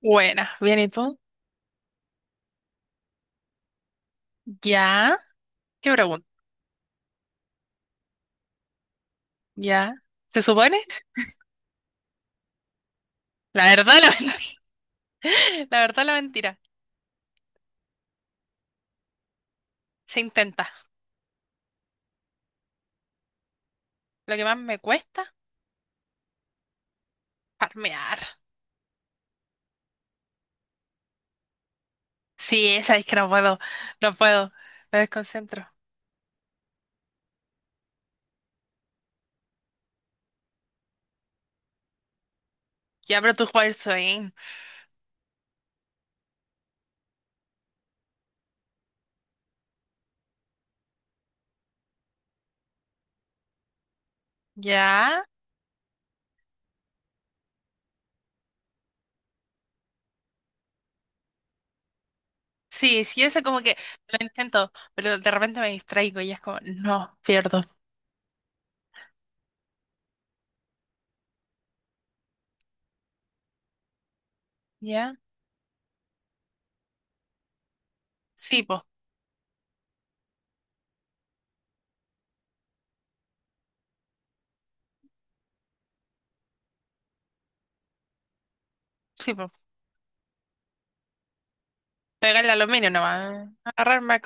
Buena, bien, ¿y tú? Ya, ¿qué pregunta? Ya, ¿se supone? La verdad, la mentira. La verdad, la mentira. Se intenta. Lo que más me cuesta, farmear. Sí, esa es que no puedo, no puedo. Me desconcentro. Ya, pero tú juegas el swing. Ya. Sí, sí, eso como que lo intento, pero de repente me distraigo y es como, no, pierdo. Ya. Sí, po, sí, po. Pegarle al aluminio nomás. Agarrarme.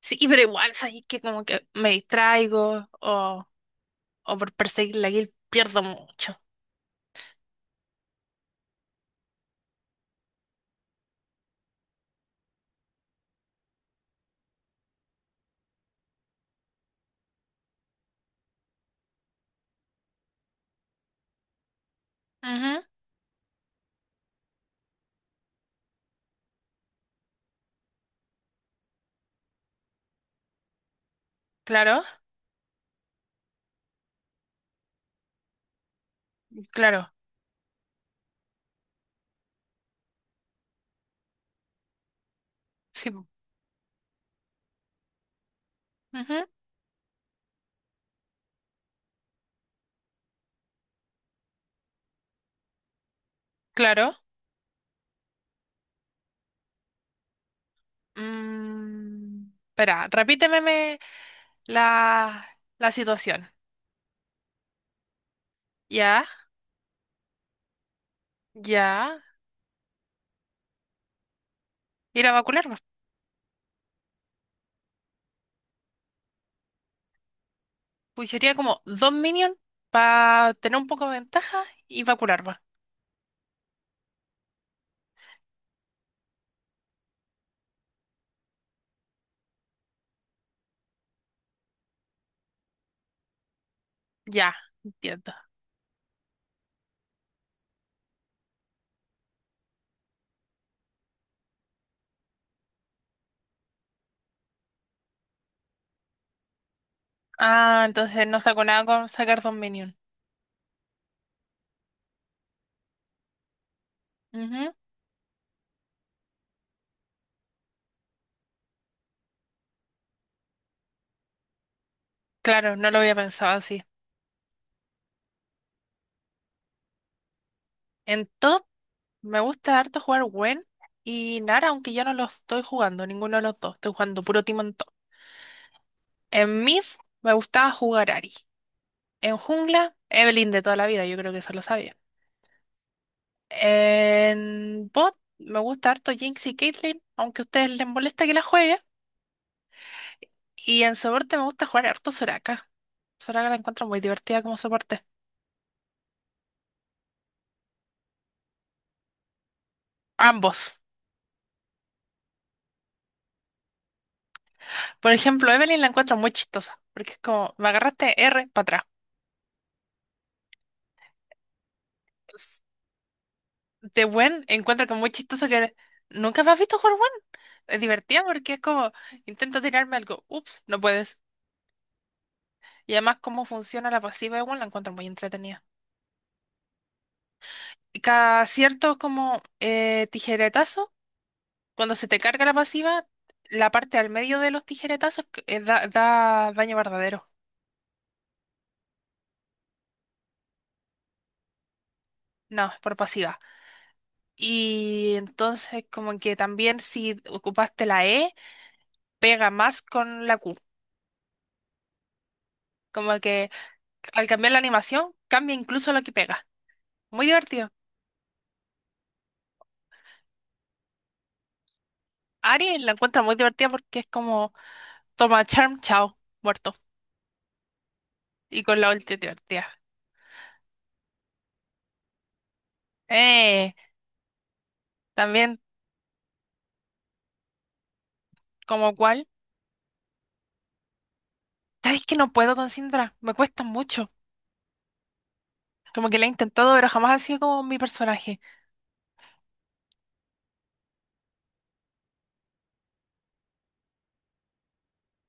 Sí, pero igual, sabes que como que me distraigo o por perseguir la guild pierdo mucho. Ujú, claro, claro, sí, po. Ujú, claro. Espera, repíteme la, la situación. Ya, ya. Ir a vacular, va. Pues sería como dos minions para tener un poco de ventaja y vacular, va. Ya, entiendo. Ah, entonces no saco nada con sacar dos minions. Ujú, claro, no lo había pensado así. Entonces, me gusta harto jugar Gwen y Nara, aunque ya no lo estoy jugando, ninguno de los dos. Estoy jugando puro Timon on Top. En mid me gustaba jugar Ari. En jungla, Evelynn de toda la vida, yo creo que eso lo sabía. En bot me gusta harto Jinx y Caitlyn, aunque a ustedes les molesta que la juegue. Y en soporte me gusta jugar harto Soraka. Soraka la encuentro muy divertida como soporte. Ambos. Por ejemplo, Evelynn la encuentro muy chistosa, porque es como, me agarraste R para atrás. De Gwen encuentro que es muy chistoso que nunca me has visto jugar Gwen. Es divertida porque es como, intenta tirarme algo, ups, no puedes. Y además cómo funciona la pasiva de Gwen la encuentro muy entretenida. Y cada cierto como tijeretazo, cuando se te carga la pasiva, la parte al medio de los tijeretazos da daño verdadero. No, es por pasiva. Y entonces como que también si ocupaste la E, pega más con la Q. Como que al cambiar la animación, cambia incluso lo que pega. Muy divertido. Ari la encuentra muy divertida porque es como toma charm, chao, muerto. Y con la ulti divertida. Eh, También como cual. ¿Sabes que no puedo con Syndra? Me cuesta mucho. Como que la he intentado, pero jamás ha sido como mi personaje.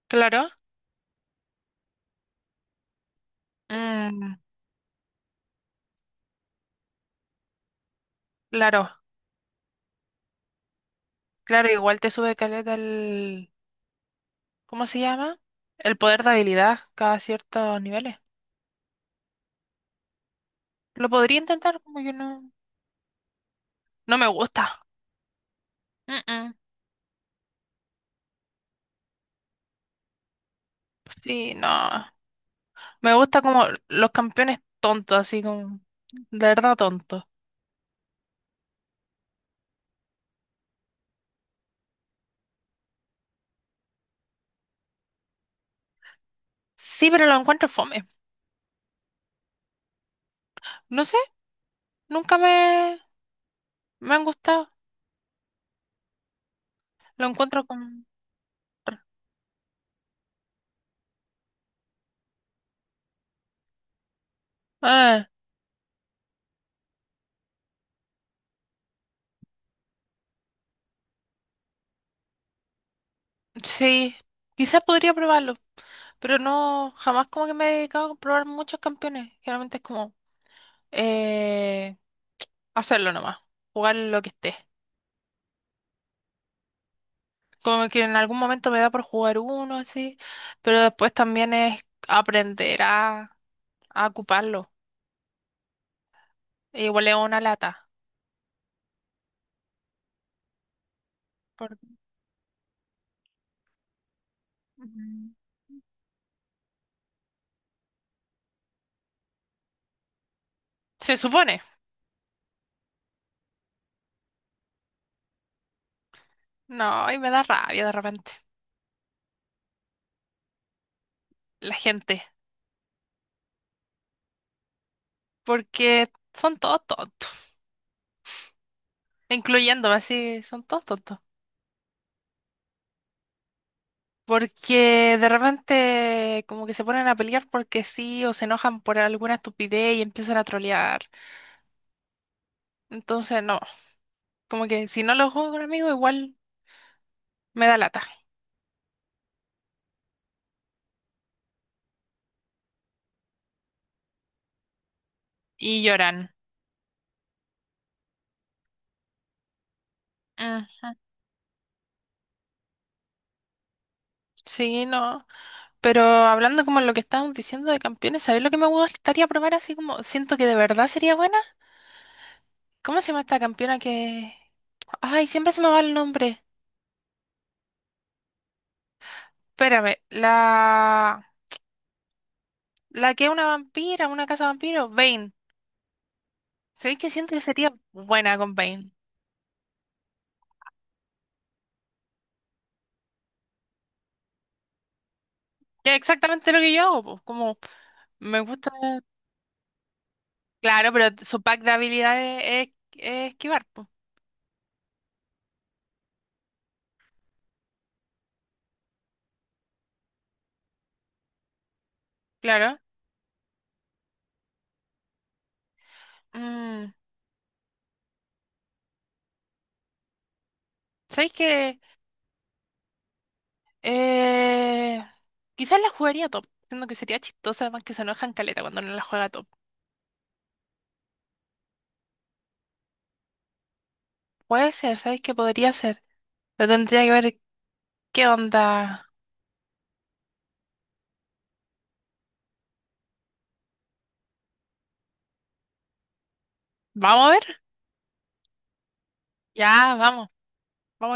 Claro. Mm, claro. Claro, igual te sube caleta el... ¿Cómo se llama? El poder de habilidad cada ciertos niveles. Lo podría intentar, como que no... No me gusta. Mm, mm. Sí, no. Me gusta como los campeones tontos, así como, de verdad tontos. Sí, pero lo encuentro fome. No sé, nunca me, me han gustado. Lo encuentro con... Ah, sí, quizás podría probarlo, pero no, jamás como que me he dedicado a probar muchos campeones. Generalmente es como eh, hacerlo nomás, jugar lo que esté. Como que en algún momento me da por jugar uno así, pero después también es aprender a ocuparlo. E igual es una lata. Ujú. Se supone. No, y me da rabia de repente la gente, porque son todos tontos, incluyéndome así, son todos tontos. Porque de repente como que se ponen a pelear porque sí o se enojan por alguna estupidez y empiezan a trolear. Entonces no, como que si no lo juego con amigos igual me da lata y lloran. Ujú. Sí, no. Pero hablando como lo que estábamos diciendo de campeones, ¿sabes lo que me gustaría probar así como siento que de verdad sería bueno? ¿Cómo se llama esta campeona que...? Ay, siempre se me va el nombre. Espérame, la... La que es una vampira, una casa vampiro, Vayne. ¿Sabéis que siento que sería buena con Vayne? Que es exactamente lo que yo hago, po. Como me gusta... Claro, pero su pack de habilidades es esquivar, pues. Claro. Mm, ¿sabéis que...? Eh, Quizás la jugaría top, siendo que sería chistosa, además que se enojan caleta cuando no la juega top. Puede ser, ¿sabéis que podría ser? Lo tendría que ver qué onda... Vamos a ver. Ya, vamos. Vamos